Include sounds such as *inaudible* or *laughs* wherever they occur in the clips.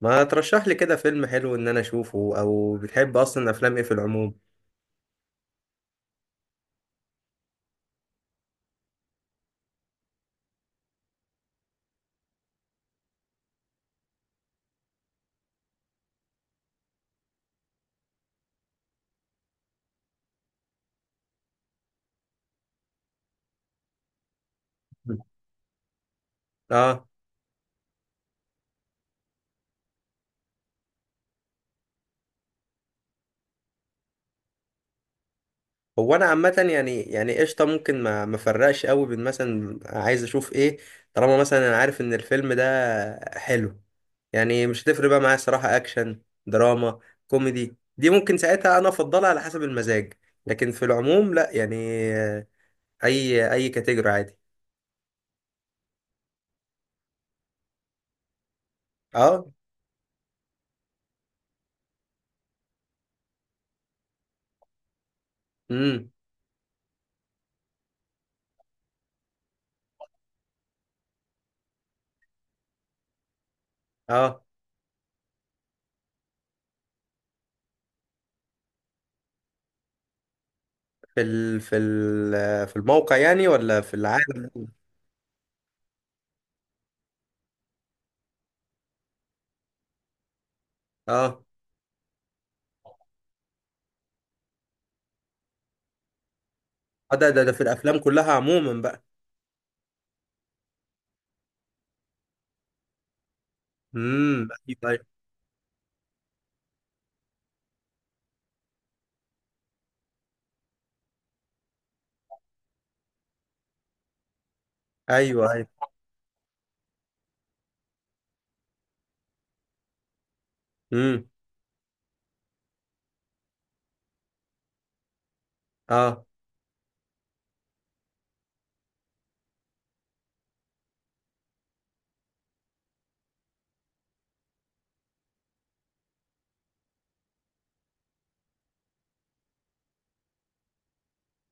ما ترشح لي كده فيلم حلو ان انا اشوفه او بتحب اصلا افلام ايه في العموم؟ اه. هو انا عامه، يعني قشطه، ممكن ما فرقش قوي بين مثلا عايز اشوف ايه. طالما مثلا انا عارف ان الفيلم ده حلو، يعني مش هتفرق بقى معايا صراحه اكشن دراما كوميدي دي، ممكن ساعتها انا افضلها على حسب المزاج. لكن في العموم لا يعني، آه، اي كاتيجوري عادي. اه. امم. اه، في في الموقع يعني، ولا في العالم؟ اه. اه، ده في الافلام كلها عموما بقى. امم. ايوه، ايوه، ايوه. ايوه. امم. اه.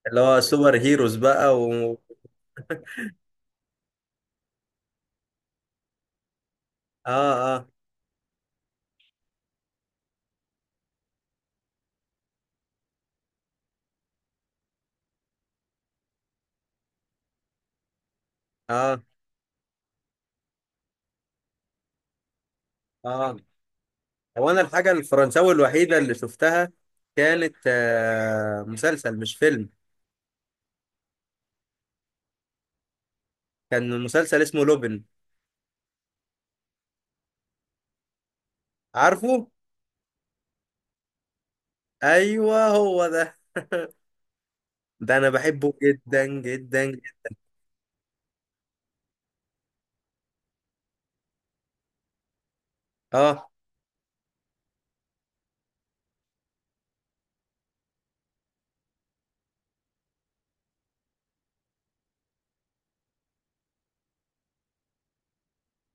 اللي هو سوبر هيروز بقى و... اه. اه. اه. اه، هو انا الحاجه الفرنساوي الوحيده اللي شفتها كانت آه مسلسل مش فيلم. كان مسلسل اسمه لوبن. عارفه. ايوه هو ده. ده انا بحبه جدا جدا جدا. اه.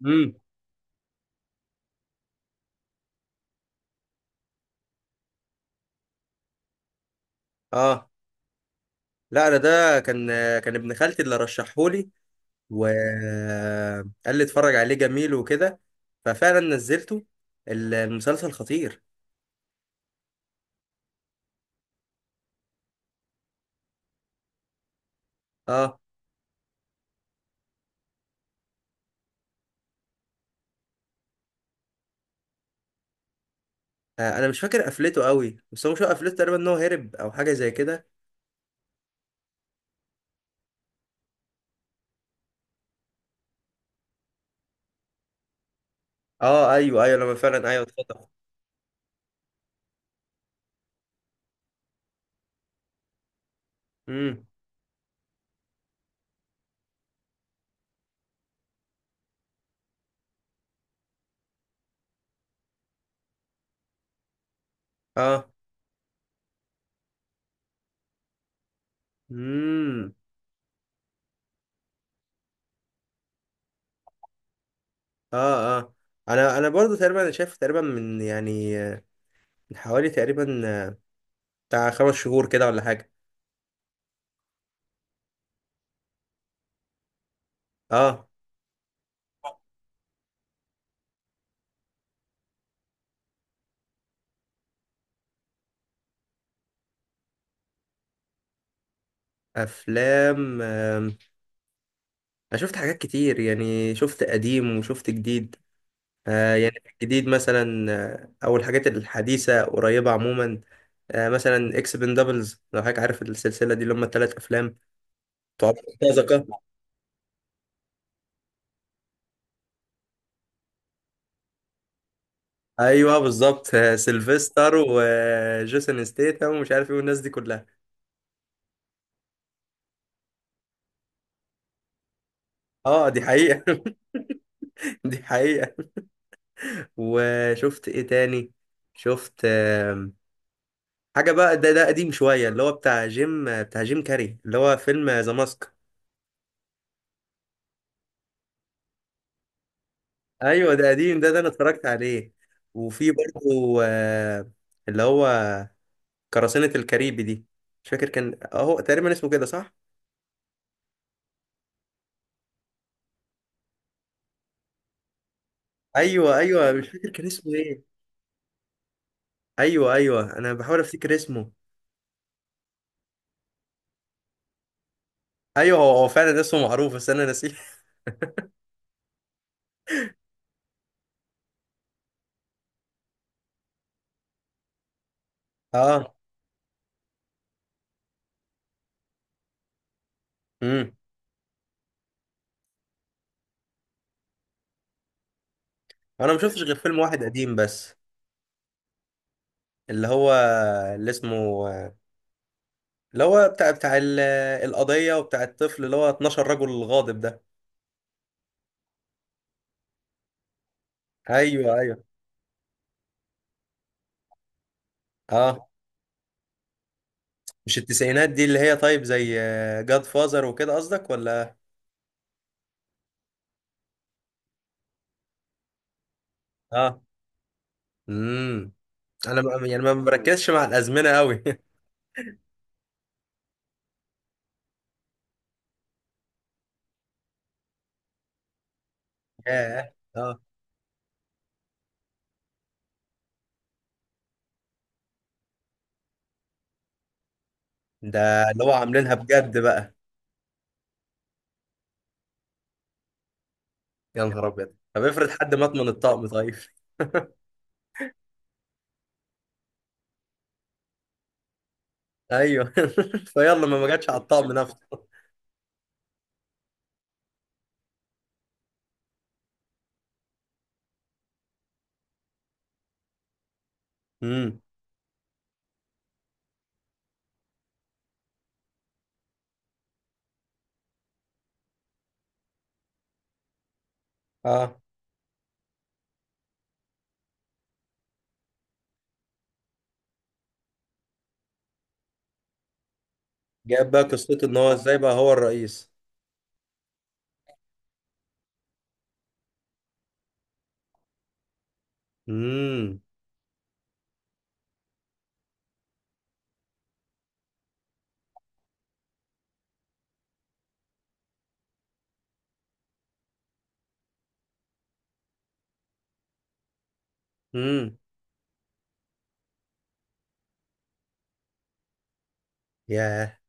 امم. اه، لا انا ده كان كان ابن خالتي اللي رشحهولي، وقال لي اتفرج عليه جميل وكده، ففعلا نزلته. ال- المسلسل خطير. اه. انا مش فاكر قفلته قوي، بس هو مش هو قفلته تقريبا ان هو هرب او حاجه زي كده. اه ايوه ايوه، لما فعلا ايوه اتخطف. امم. اه. امم. اه. اه، انا برضو تقريبا انا شايف تقريبا من يعني من حوالي تقريبا، بتاع خمس شهور كده ولا حاجه. اه. افلام، انا شفت حاجات كتير، يعني شفت قديم وشفت جديد. يعني في الجديد مثلا، او الحاجات الحديثه قريبه عموما. مثلا اكس بن دبلز، لو حضرتك عارف السلسله دي اللي هم الثلاث افلام بتوع مرتزقه. ايوه بالظبط. *laughs* سيلفستر وجيسون ستيتم ومش عارف ايه والناس دي كلها. اه دي حقيقه. *laughs* دي حقيقه. وشفت ايه تاني؟ شفت حاجه بقى، ده قديم شويه، اللي هو بتاع جيم كاري، اللي هو فيلم ذا ماسك. ايوه ده قديم، ده انا اتفرجت عليه. وفي برضه، اللي هو قراصنة الكاريبي دي. مش فاكر كان اهو تقريبا اسمه كده صح. ايوه ايوه، مش فاكر كان اسمه ايه. ايوه ايوه انا بحاول افتكر اسمه. ايوه هو هو فعلا اسمه معروف بس انا نسيه. *laughs* اه. امم. انا ما شفتش غير فيلم واحد قديم بس، اللي هو اللي اسمه، اللي هو بتاع ال- القضية وبتاع الطفل، اللي هو 12 رجل غاضب ده. ايوه ايوه اه. مش التسعينات دي اللي هي، طيب زي جاد فازر وكده قصدك، ولا؟ اه. امم. انا ما- يعني ما بركزش مع الازمنه قوي. *laughs* ياه اه. ده اللي هو عاملينها بجد بقى. يا نهار ابيض، طب افرض حد مات من الطقم؟ طيب. ايوه. *laughs* فيلا ما جاتش على الطقم نفسه. امم. اه. جاب بقى قصته ان هو ازاي بقى هو الرئيس. امم. امم. ياه.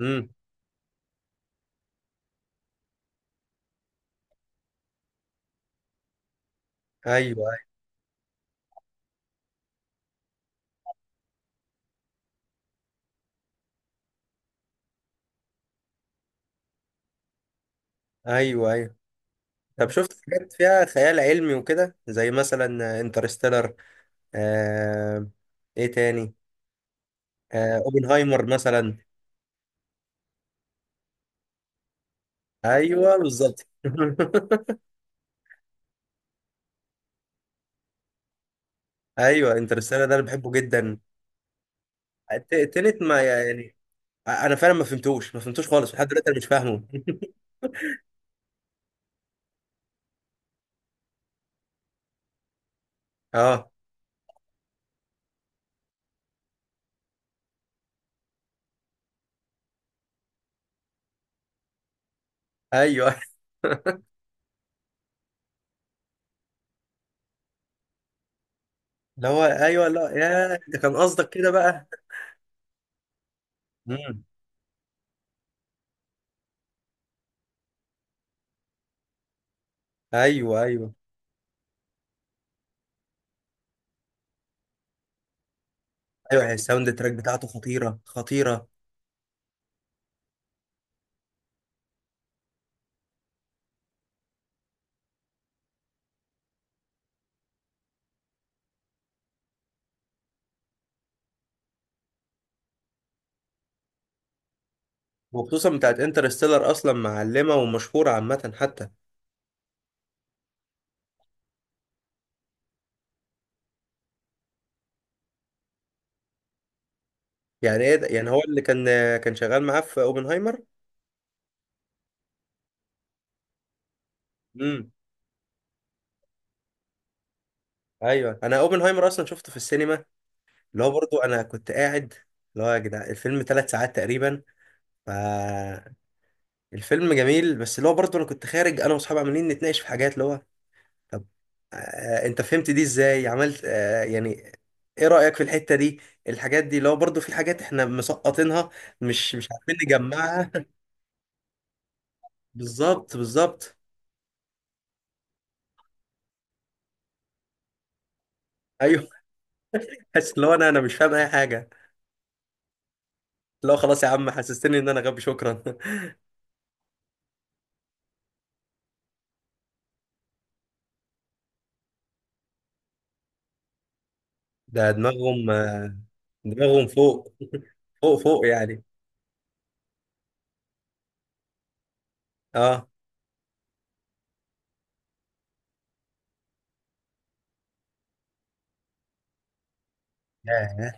امم. ايوه ايوه ايوه. ايوه. طب شفت حاجات فيها خيال علمي وكده، زي مثلا انترستيلر؟ آه... ايه تاني؟ اوبنهايمر مثلا. ايوه بالظبط. *laughs* ايوه انترستيلر ده انا بحبه جدا. الت- التالت ما يعني، انا فعلا ما فهمتوش خالص، لحد دلوقتي انا مش فاهمه. *laughs* اه ايوه. اللي هو ايوه، لا يا، ده كان قصدك كده بقى. مم. ايوه ايوه ايوه، يعني الساوند تراك بتاعته خطيره خطيره. وخصوصا بتاعت انترستيلر اصلا معلمه ومشهوره عامه حتى. يعني ايه ده، يعني هو اللي كان، كان شغال معاه في اوبنهايمر. امم. ايوه انا اوبنهايمر اصلا شفته في السينما. اللي هو برضو انا كنت قاعد، اللي هو يا جدع الفيلم ثلاث ساعات تقريبا، فالفيلم جميل، بس اللي هو برضو انا كنت خارج انا واصحابي عمالين نتناقش في حاجات، اللي هو طب، آه انت فهمت دي ازاي، عملت آه يعني ايه رأيك في الحتة دي. الحاجات دي، اللي هو برضو في حاجات احنا مسقطينها، مش عارفين نجمعها. *laughs* بالظبط بالظبط. ايوه. *laughs* حاسس اللي هو انا مش فاهم اي حاجه. اللي هو خلاص يا عم حسستني ان انا غبي، شكرا. *laughs* ده دماغهم، دماغهم فوق، فوق فوق يعني. اه. ياه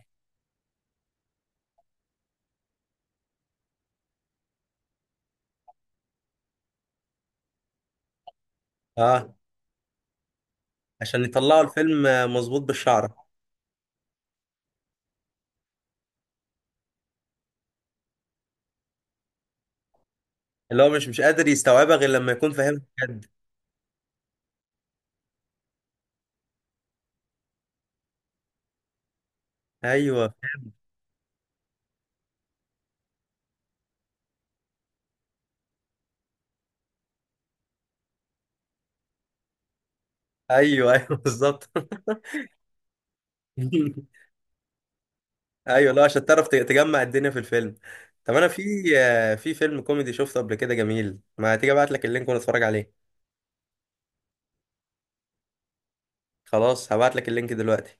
اه. عشان يطلعوا الفيلم مظبوط بالشعرة. اللي هو مش قادر يستوعبها غير لما يكون فاهمها بجد. ايوه ايوه ايوه. *laughs* بالظبط. *laughs* ايوه لا، عشان تعرف ت- تجمع الدنيا في الفيلم. طب انا في في فيلم كوميدي شفته قبل كده جميل، ما تيجي ابعت لك اللينك ونتفرج عليه. خلاص هبعت لك اللينك دلوقتي.